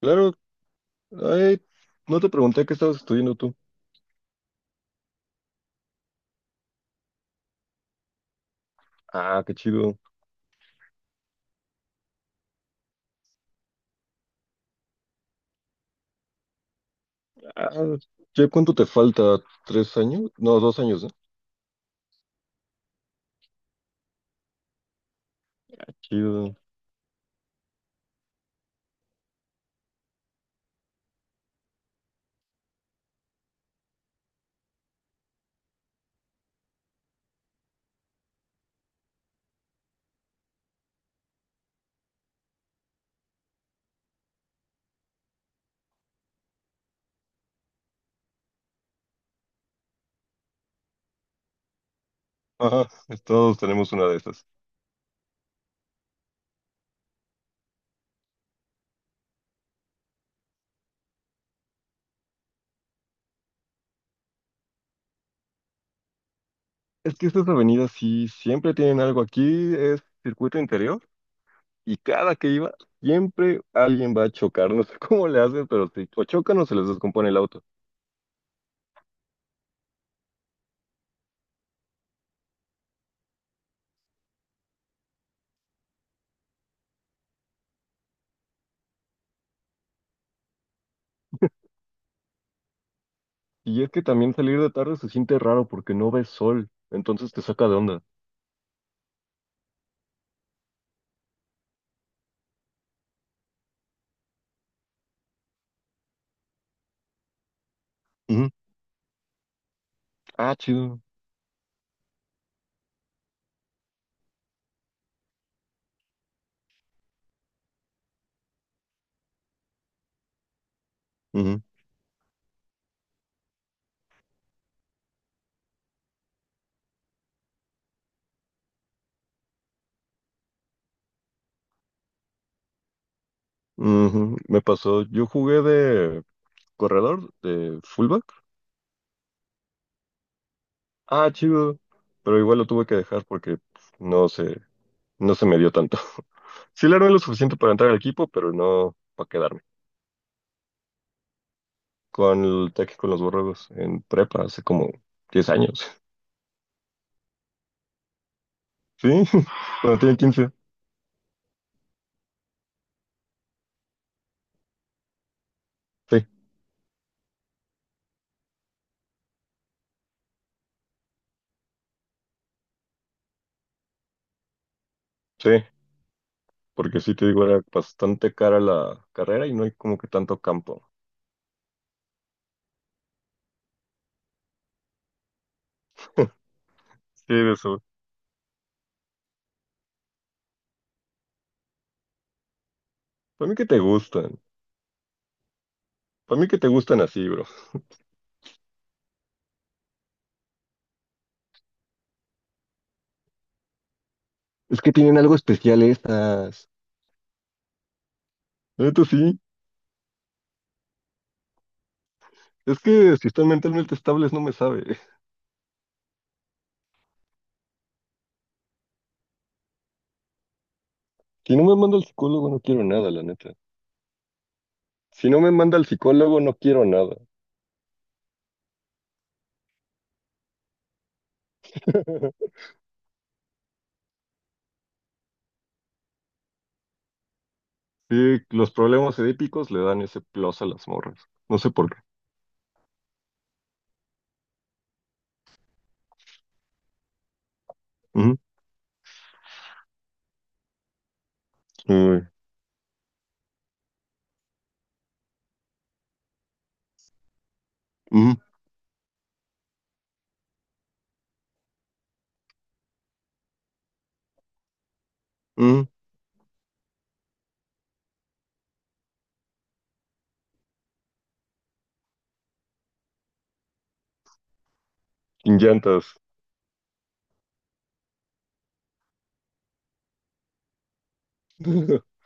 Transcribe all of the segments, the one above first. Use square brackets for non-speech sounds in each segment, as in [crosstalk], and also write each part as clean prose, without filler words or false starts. Claro, ay, no te pregunté qué estabas estudiando tú. Ah, qué chido. Ah, ¿ya cuánto te falta? ¿Tres años? No, dos años, ¿no? Chido. Ajá, todos tenemos una de esas. Es que estas avenidas sí siempre tienen algo aquí, es circuito interior, y cada que iba, siempre alguien va a chocar, no sé [laughs] cómo le hacen, pero si o chocan o se les descompone el auto. Y es que también salir de tarde se siente raro porque no ves sol, entonces te saca de onda. Ujú. Ah, chido. Ujú, me pasó, yo jugué de corredor, de fullback. Ah, chido. Pero igual lo tuve que dejar porque pues, no se me dio tanto. [laughs] Sí le armé lo suficiente para entrar al equipo, pero no para quedarme. Con el Tec con los borregos en prepa hace como 10 años. [laughs] Sí, [laughs] cuando tenía quince. Sí, sí, porque sí te digo, era bastante cara la carrera y no hay como que tanto campo. Sí, de eso. Para mí que te gustan. Para mí que te gustan así, bro. Es que tienen algo especial estas. Esto sí, es que si están mentalmente estables no me sabe. Si no me manda al psicólogo no quiero nada, la neta. Si no me manda al psicólogo no quiero nada. [laughs] Sí, los problemas edípicos le dan ese plus a las morras. No sé por qué. Ujú, uy, ujú, ujú. Sin llantas. [laughs]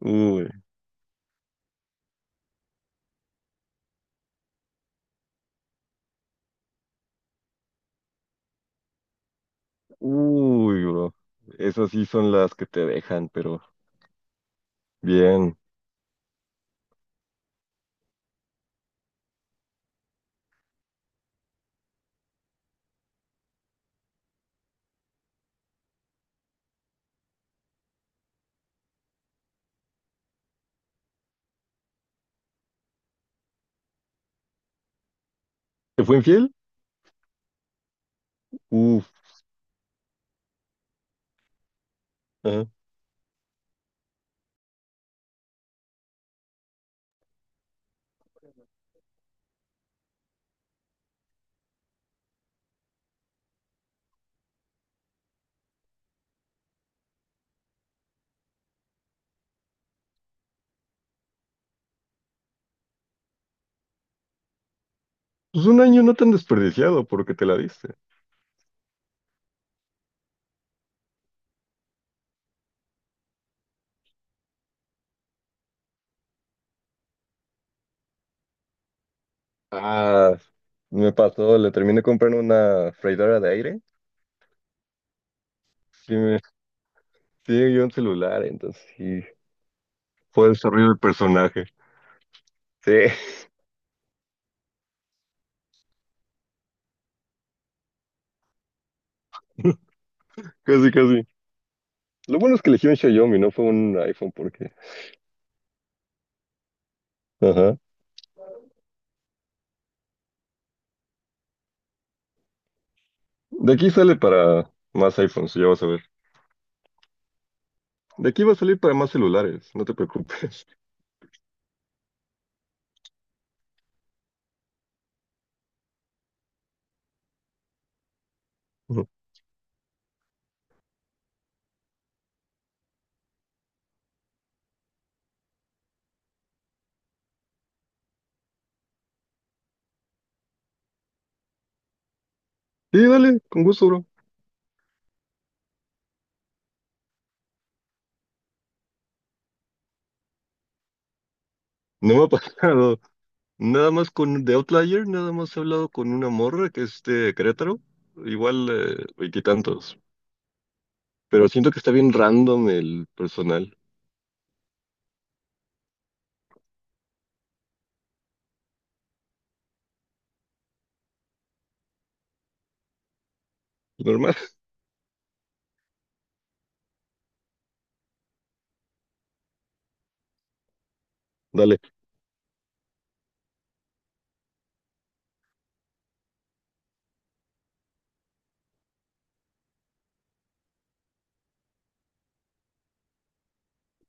Uy, uy, bro. Esas sí son las que te dejan, pero bien. ¿Te fue infiel? Uf, ajá. Pues un año no tan desperdiciado porque te la diste. Ah, me pasó, le terminé comprando una freidora de aire. Sí, me, sí, yo un celular, entonces sí. Fue desarrollo del personaje. Sí, [laughs] casi, casi. Lo bueno es que elegí un Xiaomi, no fue un iPhone, porque. Ajá. De aquí sale para más iPhones, ya vas a ver. De aquí va a salir para más celulares, no te preocupes. [laughs] Sí, dale, con gusto, bro. No me ha [laughs] pasado. Nada más con de Outlier, nada más he hablado con una morra que es de Querétaro. Igual, veintitantos. Pero siento que está bien random el personal. Normal, [laughs] dale.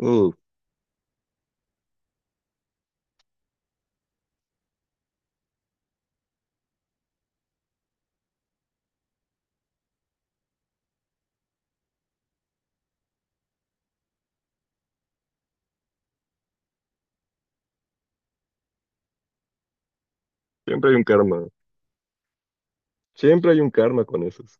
Uh, siempre hay un karma. Siempre hay un karma con esos.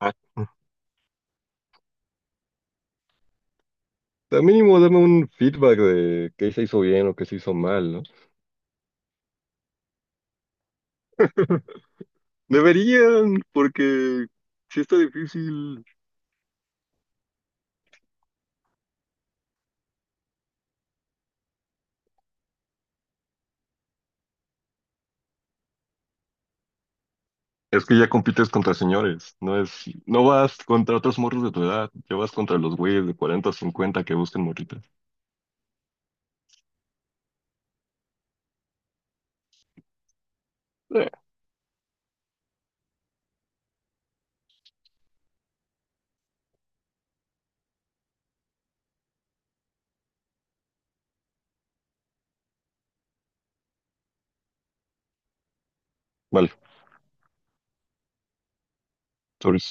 Ah, mm, al mínimo dame un feedback de qué se hizo bien o qué se hizo mal, ¿no? Deberían, porque si está difícil. Es que ya compites contra señores, no vas contra otros morros de tu edad, ya vas contra los güeyes de 40 o 50 que buscan morritas. Eh, vale, sobre